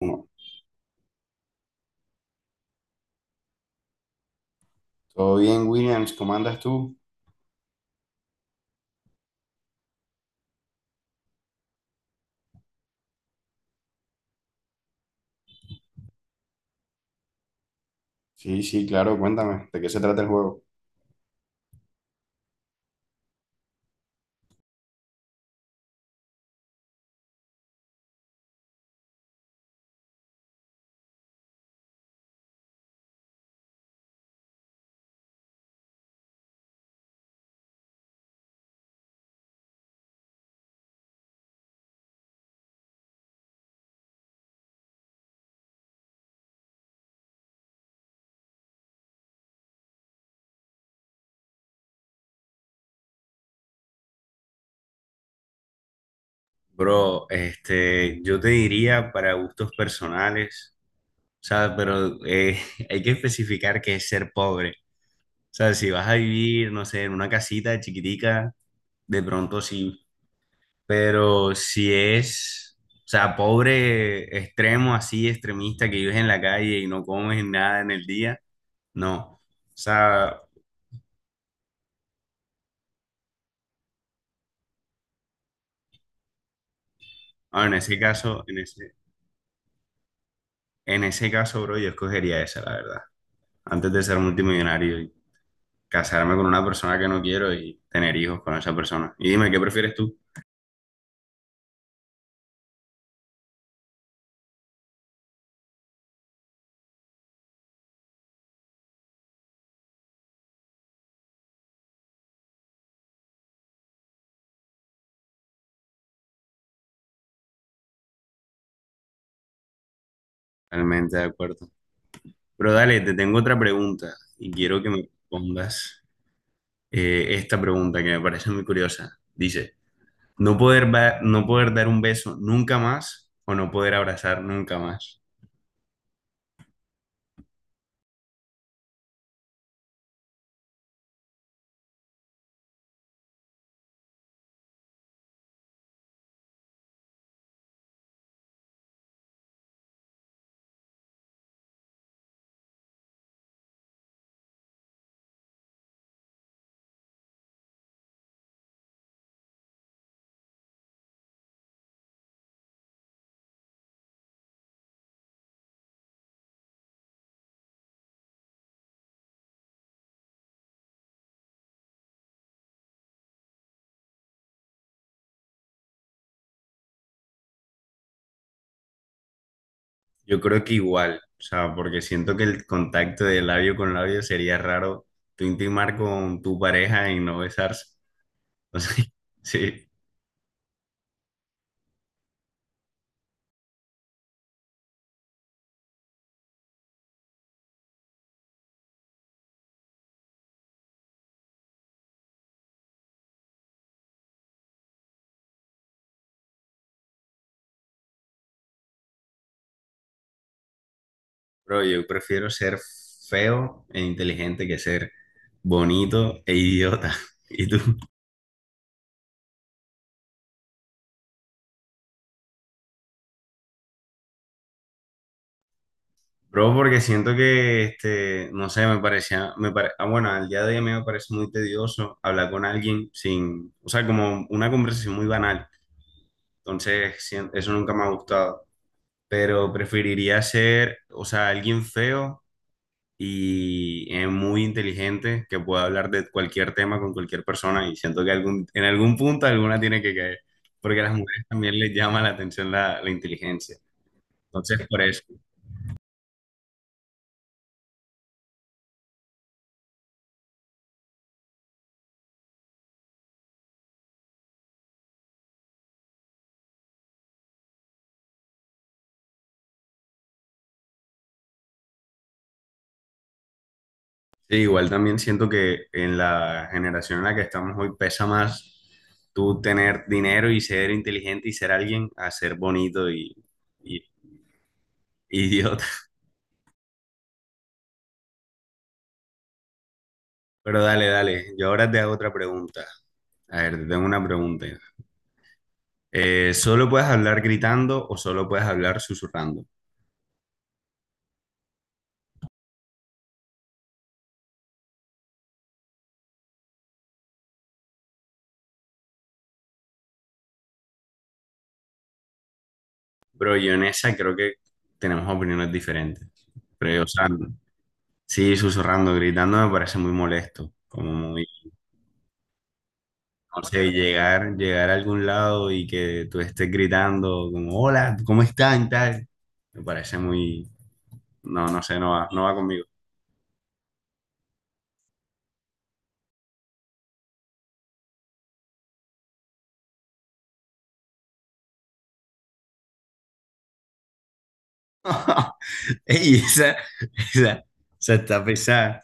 No. ¿Todo bien, Williams? ¿Cómo andas tú? Sí, sí, claro, cuéntame, ¿de qué se trata el juego? Bro, este, yo te diría para gustos personales, ¿sabes? Pero hay que especificar qué es ser pobre. O sea, si vas a vivir, no sé, en una casita chiquitica, de pronto sí. Pero si es, o sea, pobre extremo, así, extremista, que vives en la calle y no comes nada en el día, no. O sea, ah, en ese caso, en ese caso, bro, yo escogería esa, la verdad. Antes de ser multimillonario y casarme con una persona que no quiero y tener hijos con esa persona. Y dime, ¿qué prefieres tú? Totalmente de acuerdo. Pero dale, te tengo otra pregunta y quiero que me respondas esta pregunta que me parece muy curiosa. Dice, ¿ no poder dar un beso nunca más o no poder abrazar nunca más? Yo creo que igual, o sea, porque siento que el contacto de labio con labio sería raro tú intimar con tu pareja y no besarse. Sí, pero yo prefiero ser feo e inteligente que ser bonito e idiota. ¿Y tú? Bro, porque siento que, este, no sé, me parecía, me pare- ah, bueno, al día de hoy me parece muy tedioso hablar con alguien sin, o sea, como una conversación muy banal. Entonces, eso nunca me ha gustado. Pero preferiría ser, o sea, alguien feo y es muy inteligente, que puede hablar de cualquier tema con cualquier persona y siento que en algún punto alguna tiene que caer, porque a las mujeres también les llama la atención la inteligencia. Entonces, por eso. Sí, igual también siento que en la generación en la que estamos hoy pesa más tú tener dinero y ser inteligente y ser alguien a ser bonito y idiota. Pero dale, yo ahora te hago otra pregunta. A ver, te tengo una pregunta. Solo puedes hablar gritando o solo puedes hablar susurrando. Pero yo en esa creo que tenemos opiniones diferentes. Pero, o sea, sí, susurrando, gritando me parece muy molesto. Como muy, no sé, llegar a algún lado y que tú estés gritando, como, hola, ¿cómo están? Tal. Me parece muy, no, no sé, no va conmigo. Ey, esa, esa está pesada.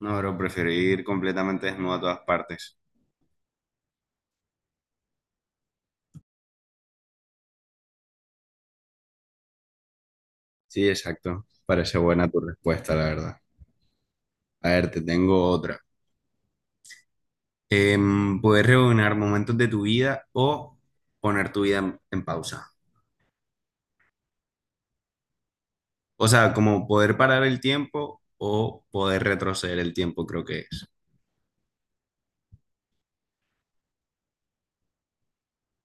No, pero prefiero ir completamente desnudo a todas partes. Sí, exacto. Parece buena tu respuesta, la verdad. A ver, te tengo otra. Poder rebobinar momentos de tu vida o poner tu vida en pausa. O sea, como poder parar el tiempo o poder retroceder el tiempo, creo que es.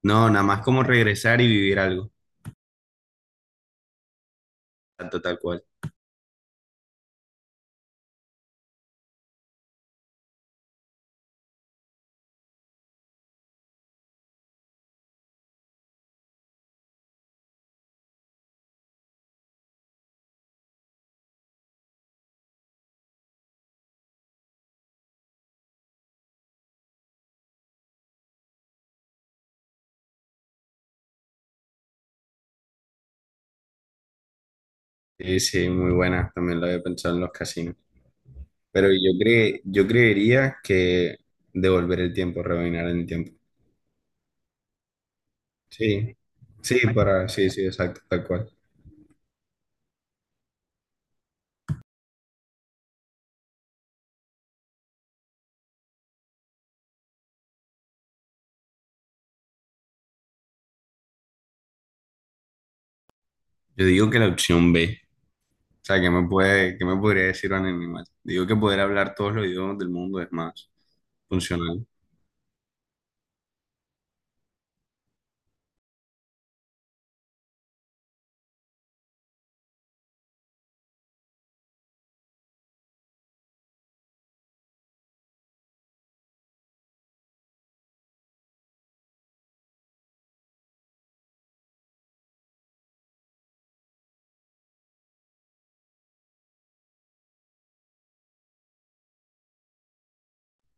No, nada más como regresar y vivir algo, tanto tal cual. Sí, sí, muy buena. También lo había pensado en los casinos. Pero yo creería que devolver el tiempo, rebobinar el tiempo. Sí, sí, para, sí, sí, exacto, tal cual. Yo digo que la opción B. O sea, ¿ qué me podría decir un animal? Digo que poder hablar todos los idiomas del mundo es más funcional.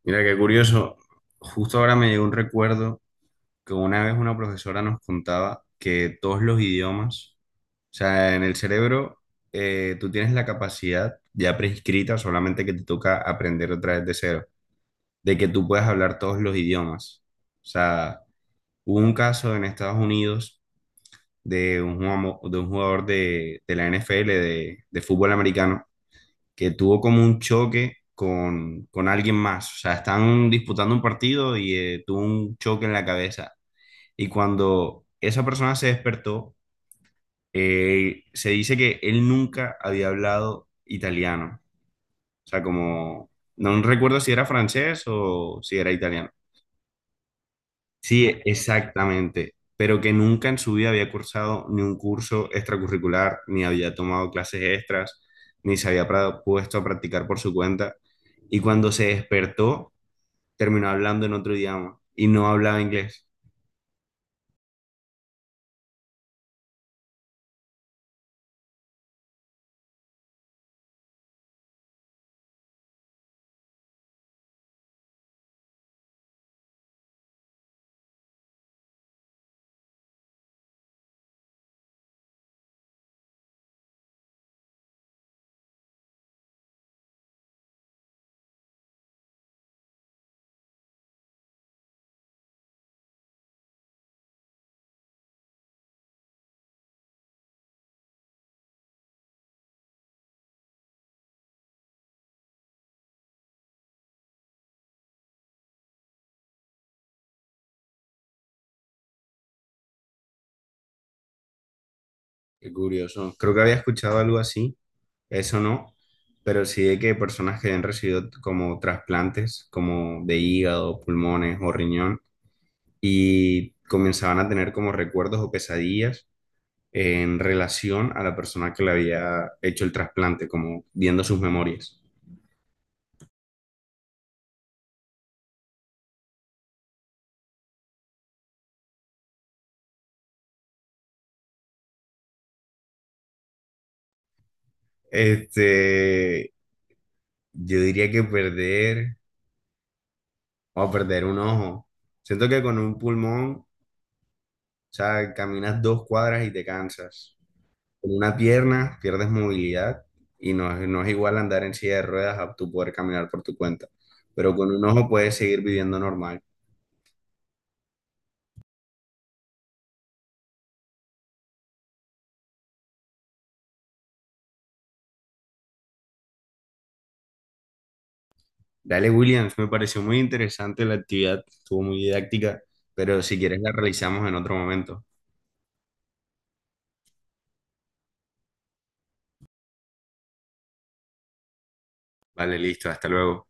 Mira, qué curioso. Justo ahora me llegó un recuerdo que una vez una profesora nos contaba que todos los idiomas, o sea, en el cerebro tú tienes la capacidad ya prescrita, solamente que te toca aprender otra vez de cero, de que tú puedes hablar todos los idiomas. O sea, hubo un caso en Estados Unidos un jugador de la NFL, de fútbol americano, que tuvo como un choque con alguien más. O sea, están disputando un partido y tuvo un choque en la cabeza. Y cuando esa persona se despertó, se dice que él nunca había hablado italiano. O sea, como, no recuerdo si era francés o si era italiano. Sí, exactamente, pero que nunca en su vida había cursado ni un curso extracurricular, ni había tomado clases extras, ni se había pra- puesto a practicar por su cuenta. Y cuando se despertó, terminó hablando en otro idioma y no hablaba inglés. Qué curioso. Creo que había escuchado algo así, eso no, pero sí de que personas que habían recibido como trasplantes, como de hígado, pulmones o riñón, y comenzaban a tener como recuerdos o pesadillas en relación a la persona que le había hecho el trasplante, como viendo sus memorias. Este, yo diría que perder o perder un ojo. Siento que con un pulmón, o sea, caminas dos cuadras y te cansas. Con una pierna pierdes movilidad y no, no es igual andar en silla de ruedas a tú poder caminar por tu cuenta. Pero con un ojo puedes seguir viviendo normal. Dale, Williams, me pareció muy interesante la actividad, estuvo muy didáctica, pero si quieres la realizamos en otro momento. Vale, listo, hasta luego.